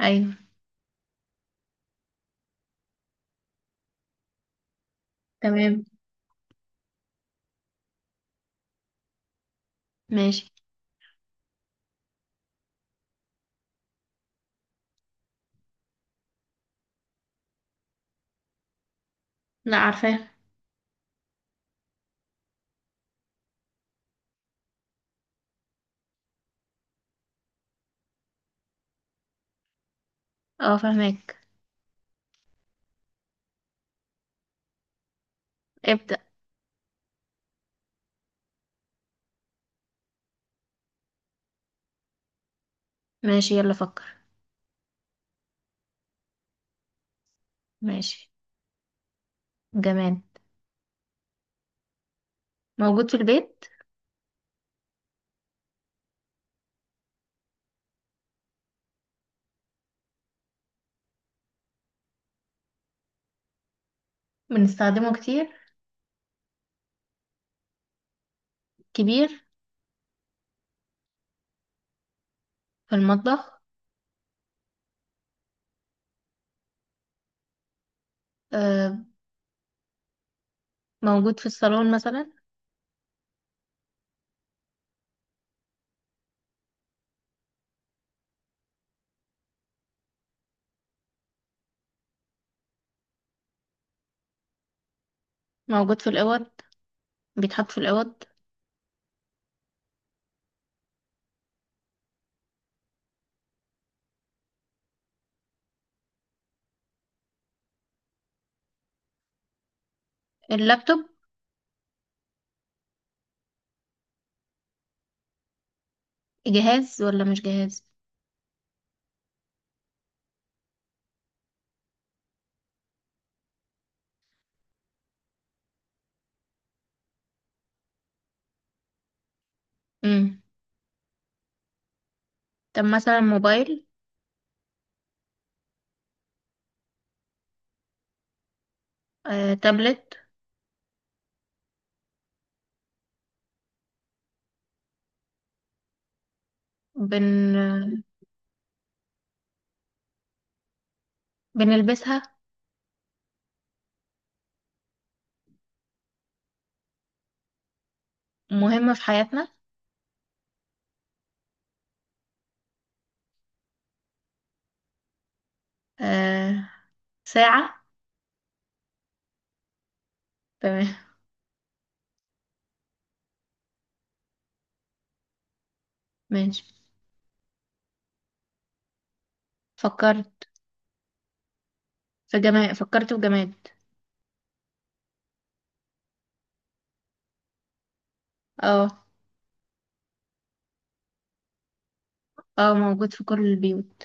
ايوه. تمام. ماشي. لا، عارفاه. اه، فاهمك. ابدأ. ماشي، يلا فكر. ماشي. جماد. موجود في البيت. بنستخدمه كتير. كبير. في المطبخ. آه. موجود في الصالون مثلا. موجود في الأوض. بيتحط في الأوض. اللابتوب. جهاز ولا مش جهاز؟ امم طب مثلا موبايل. آه. تابلت. بن بنلبسها. مهمة في حياتنا. آه. ساعة. تمام. ماشي. فكرت. فكرت في جماد. اه. اه، موجود في كل البيوت.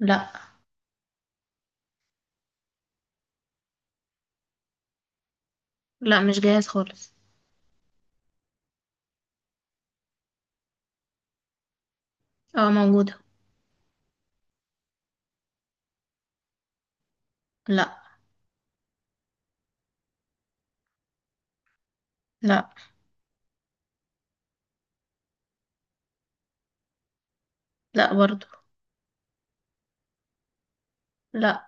لا. لا، مش جاهز خالص. اه، موجودة. لا. لا، لا برضو. لا.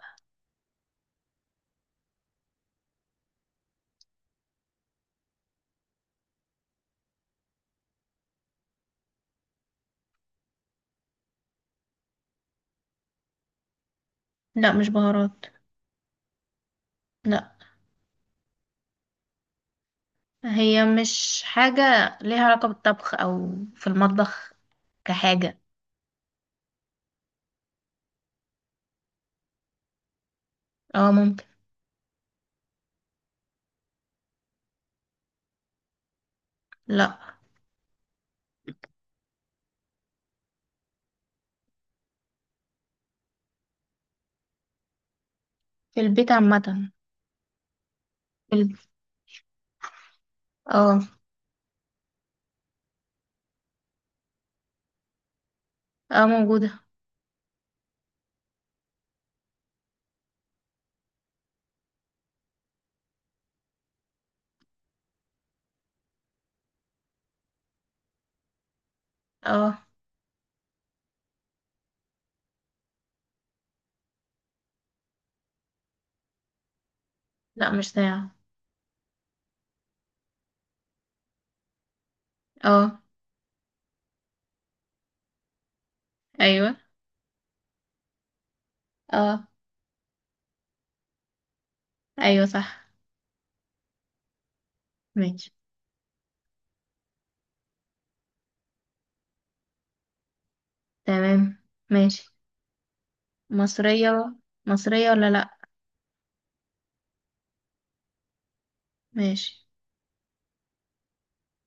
لا، مش بهارات. لا، هي مش حاجة ليها علاقة بالطبخ أو في المطبخ كحاجة. اه، ممكن. لا. في البيت عامة. في الب- اه. اه، موجودة. اه. لا، مش ساعة. اه. ايوه. اه. ايوه صح. ماشي. تمام. ماشي. مصرية. مصرية ولا لا؟ ماشي.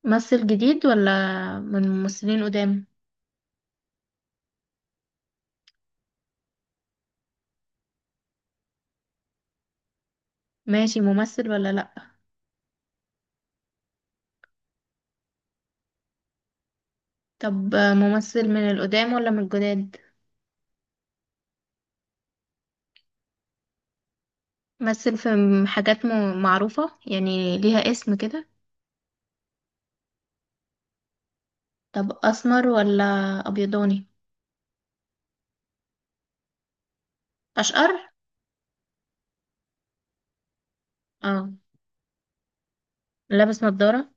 ممثل جديد ولا من ممثلين قدام؟ ماشي، ممثل ولا لأ؟ طب آه، ممثل من القدام ولا من الجداد؟ مثل في حاجات معروفة يعني، ليها اسم كده؟ طب أسمر ولا أبيضاني؟ أشقر؟ اه. لابس نضارة؟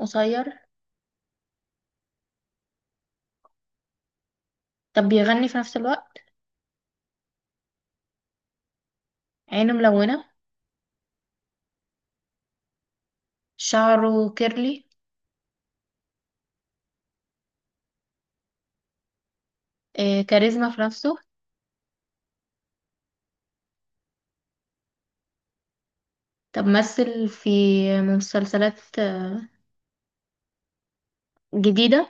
قصير؟ طب بيغني في نفس الوقت؟ عينه ملونة؟ شعره كيرلي؟ آه، كاريزما في نفسه؟ طب مثل في مسلسلات آه، جديدة؟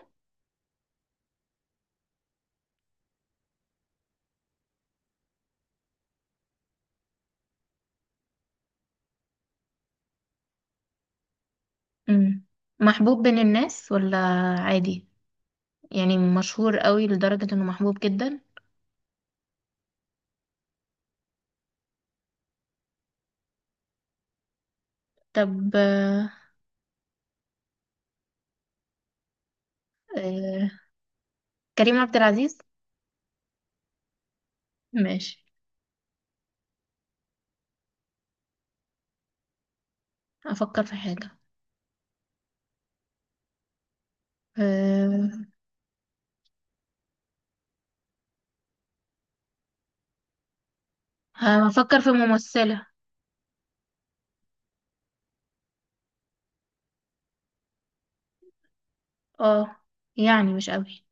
مم. محبوب بين الناس ولا عادي؟ يعني مشهور قوي لدرجة انه محبوب جدا؟ طب آه، آه، كريم عبد العزيز. ماشي. افكر في حاجة. آه. هفكر في ممثلة. اه، يعني مش قوي.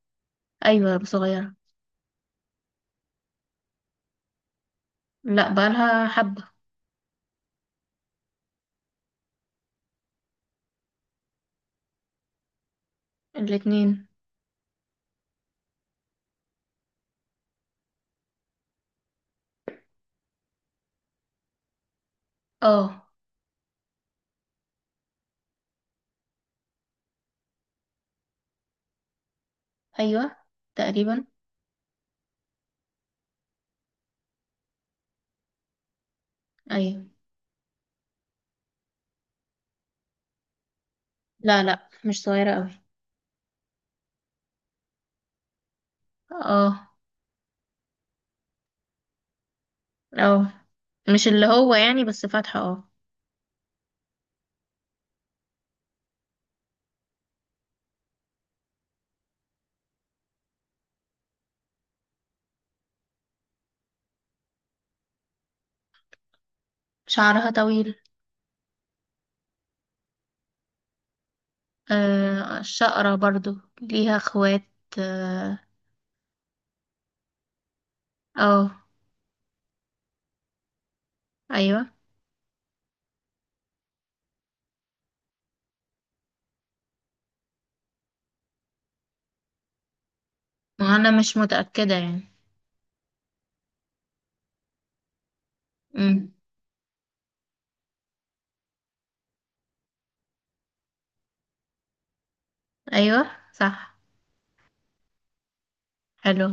ايوه، صغيرة. لا، بقالها حبة. الاتنين. اه، ايوه، تقريبا. ايوه. لا، لا مش صغيرة قوي. اه. اه، مش اللي هو يعني، بس فاتحة اه. شعرها طويل. آه، شقرة برضو. ليها اخوات؟ اه. آه. ايوه. ما انا مش متأكدة يعني. امم ايوه صح. حلو.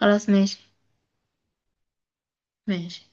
خلاص ماشي. ماشي.